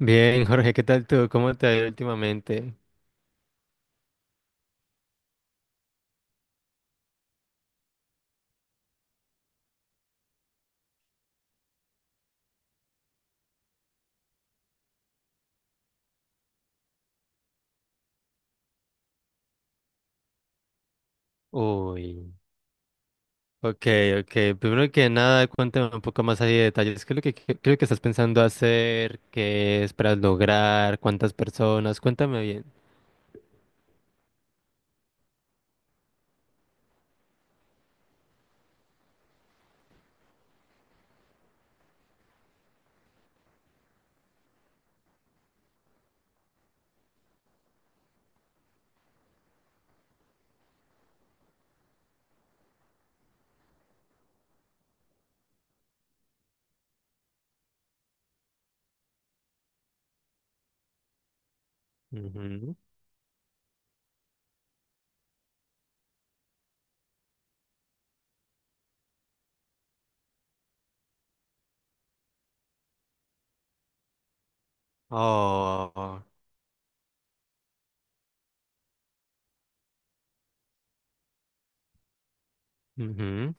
Bien, Jorge, ¿qué tal tú? ¿Cómo te ha ido últimamente? Uy, ok, ok. Primero que nada, cuéntame un poco más ahí de detalles. ¿Qué es lo que estás pensando hacer? ¿Qué esperas lograr? ¿Cuántas personas? Cuéntame bien. Ujú. Oh. Ujú.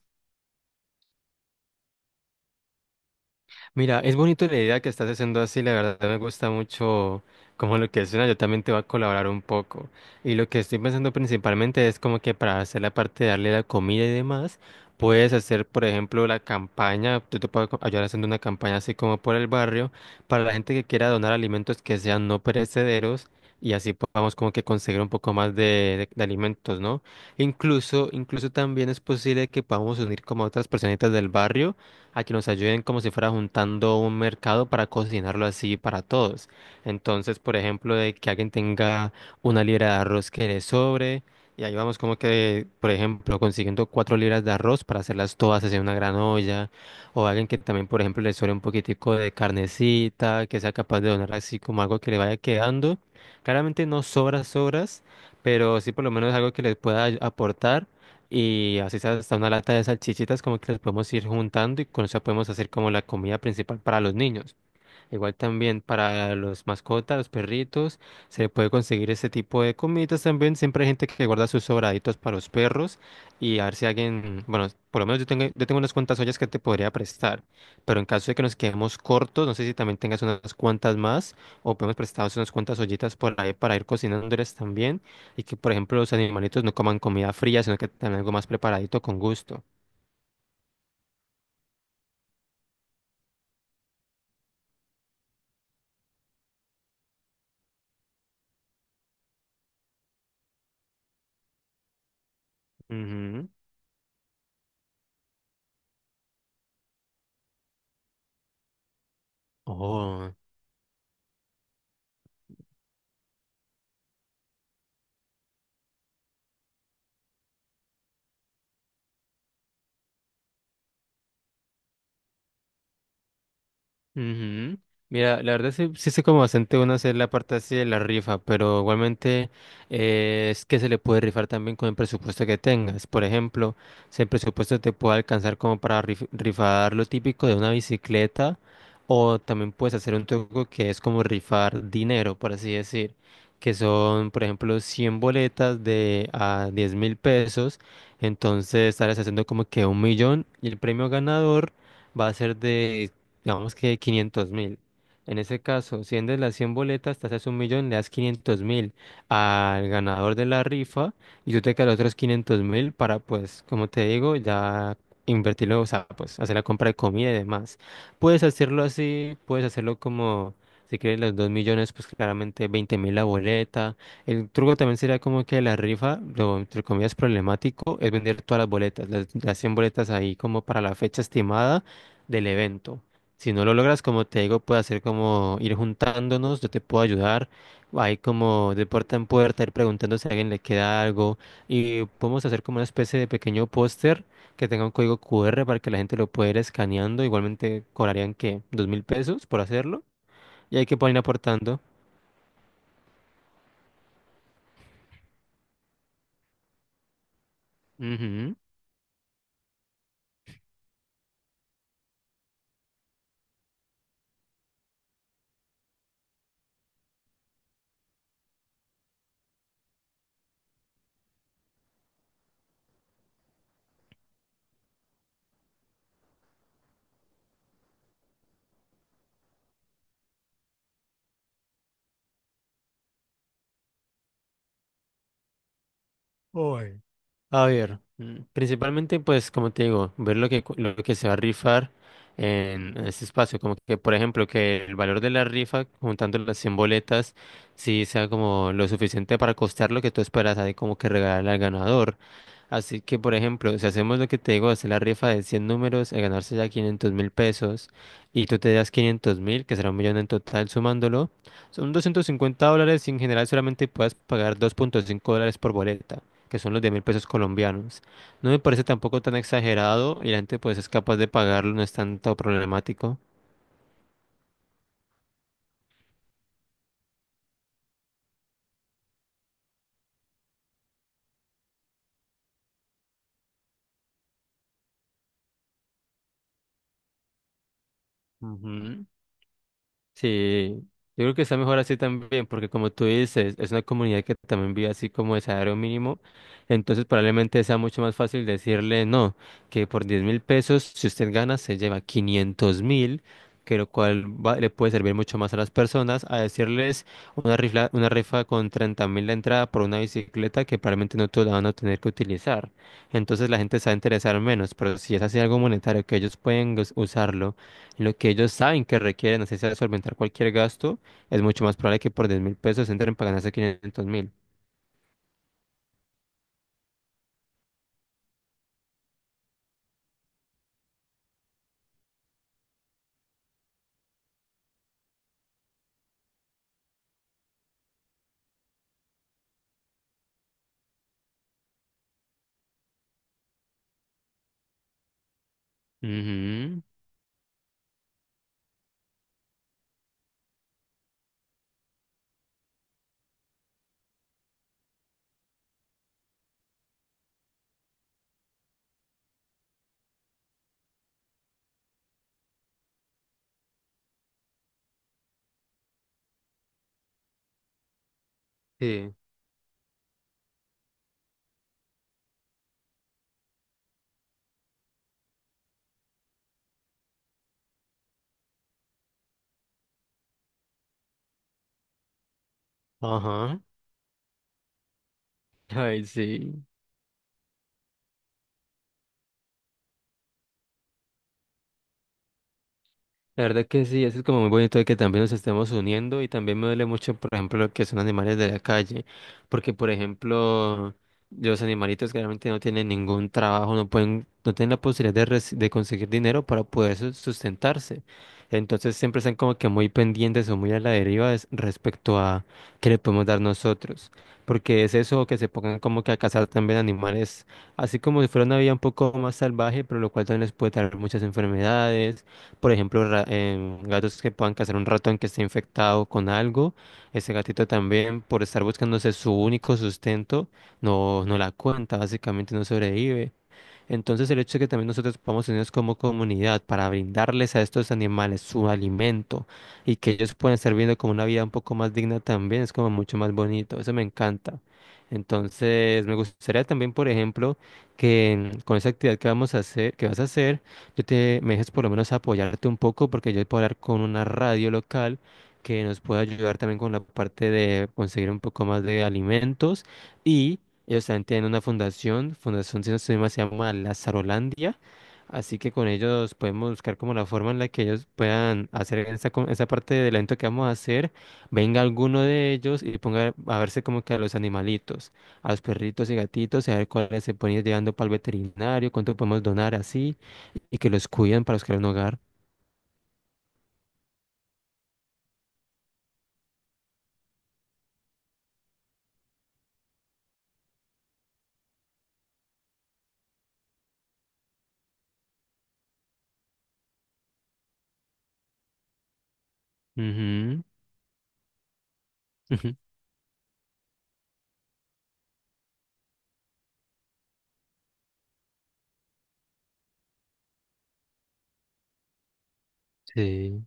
Mira, es bonito la idea que estás haciendo así, la verdad me gusta mucho como lo que suena, yo también te voy a colaborar un poco. Y lo que estoy pensando principalmente es como que para hacer la parte de darle la comida y demás, puedes hacer, por ejemplo, la campaña, tú te puedes ayudar haciendo una campaña así como por el barrio, para la gente que quiera donar alimentos que sean no perecederos. Y así podamos como que conseguir un poco más de alimentos, ¿no? Incluso también es posible que podamos unir como a otras personitas del barrio a que nos ayuden como si fuera juntando un mercado para cocinarlo así para todos. Entonces, por ejemplo, de que alguien tenga una libra de arroz que le sobre, y ahí vamos como que, por ejemplo, consiguiendo 4 libras de arroz para hacerlas todas hacia una gran olla, o alguien que también, por ejemplo, le sobre un poquitico de carnecita, que sea capaz de donar así como algo que le vaya quedando. Claramente no sobras, sobras, pero sí por lo menos algo que les pueda aportar y así sea, hasta una lata de salchichitas como que las podemos ir juntando y con eso podemos hacer como la comida principal para los niños. Igual también para los mascotas, los perritos, se puede conseguir este tipo de comidas también. Siempre hay gente que guarda sus sobraditos para los perros y a ver si alguien, bueno, por lo menos yo tengo unas cuantas ollas que te podría prestar, pero en caso de que nos quedemos cortos, no sé si también tengas unas cuantas más o podemos prestaros unas cuantas ollitas por ahí para ir cocinándoles también y que, por ejemplo, los animalitos no coman comida fría, sino que tengan algo más preparadito con gusto. Ujú. Oh. Ujú. Mira, la verdad sí, sí sé como bastante uno hacer la parte así de la rifa, pero igualmente es que se le puede rifar también con el presupuesto que tengas. Por ejemplo, si el presupuesto te puede alcanzar como para rifar lo típico de una bicicleta, o también puedes hacer un truco que es como rifar dinero, por así decir, que son, por ejemplo, 100 boletas de a 10.000 pesos. Entonces estarás haciendo como que 1 millón y el premio ganador va a ser de, digamos que, 500.000. En ese caso, si vendes las 100 boletas, te haces 1 millón, le das 500.000 al ganador de la rifa y tú te quedas los otros 500.000 para, pues, como te digo, ya invertirlo, o sea, pues, hacer la compra de comida y demás. Puedes hacerlo así, puedes hacerlo como, si quieres los 2 millones, pues claramente 20.000 la boleta. El truco también sería como que la rifa, lo entre comillas problemático, es vender todas las boletas, las 100 boletas ahí como para la fecha estimada del evento. Si no lo logras, como te digo, puede hacer como ir juntándonos, yo te puedo ayudar. Hay como de puerta en puerta, ir preguntando si a alguien le queda algo. Y podemos hacer como una especie de pequeño póster que tenga un código QR para que la gente lo pueda ir escaneando. Igualmente cobrarían que 2.000 pesos por hacerlo. Y hay que poder ir aportando. Ujú. Uy. A ver, principalmente pues como te digo, ver lo que se va a rifar en este espacio, como que por ejemplo que el valor de la rifa juntando las 100 boletas sí sea como lo suficiente para costar lo que tú esperas ahí como que regalar al ganador. Así que por ejemplo, si hacemos lo que te digo, hacer la rifa de 100 números, a ganarse ya 500.000 pesos y tú te das 500.000, que será 1 millón en total sumándolo, son 250 dólares y en general solamente puedes pagar 2,5 dólares por boleta que son los 10 mil pesos colombianos. No me parece tampoco tan exagerado y la gente pues es capaz de pagarlo, no es tanto problemático. Ujú. Sí, yo creo que está mejor así también, porque como tú dices, es una comunidad que también vive así como de salario mínimo, entonces probablemente sea mucho más fácil decirle no, que por 10.000 pesos, si usted gana, se lleva 500.000, que lo cual le puede servir mucho más a las personas, a decirles una rifa con 30.000 de entrada por una bicicleta que probablemente no todos la van a tener que utilizar. Entonces la gente se va a interesar menos, pero si es así algo monetario que ellos pueden usarlo lo que ellos saben que requieren, así sea solventar cualquier gasto, es mucho más probable que por 10.000 pesos entren para ganarse 500.000. Ujú. Sí. Ajá. Ay, sí. La verdad que sí, eso es como muy bonito de que también nos estemos uniendo y también me duele mucho, por ejemplo, lo que son animales de la calle, porque, por ejemplo, los animalitos que realmente no tienen ningún trabajo, no pueden, no tienen la posibilidad de, de conseguir dinero para poder sustentarse. Entonces siempre están como que muy pendientes o muy a la deriva respecto a qué le podemos dar nosotros, porque es eso que se pongan como que a cazar también animales, así como si fuera una vida un poco más salvaje, pero lo cual también les puede traer muchas enfermedades, por ejemplo, gatos que puedan cazar un ratón que esté infectado con algo. Ese gatito también, por estar buscándose su único sustento, no, no la cuenta, básicamente no sobrevive. Entonces el hecho de que también nosotros podamos unirnos como comunidad para brindarles a estos animales su alimento y que ellos puedan estar viendo como una vida un poco más digna también es como mucho más bonito, eso me encanta. Entonces me gustaría también, por ejemplo, que con esa actividad que vamos a hacer, que vas a hacer, yo te me dejes por lo menos apoyarte un poco porque yo puedo hablar con una radio local que nos pueda ayudar también con la parte de conseguir un poco más de alimentos. Ellos también tienen una fundación, fundación si no estoy mal, se llama Lazarolandia, así que con ellos podemos buscar como la forma en la que ellos puedan hacer esa parte del evento que vamos a hacer, venga alguno de ellos y ponga a verse como que a los animalitos, a los perritos y gatitos, y a ver cuáles se pueden ir llevando para el veterinario, cuánto podemos donar así, y que los cuiden para buscar un hogar. Ujú, ujú. Sí.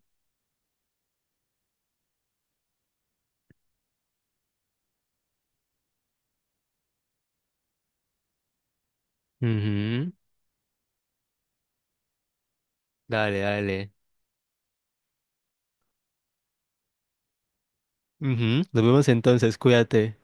Ujú. Dale, dale. Ujú. Nos vemos entonces, cuídate.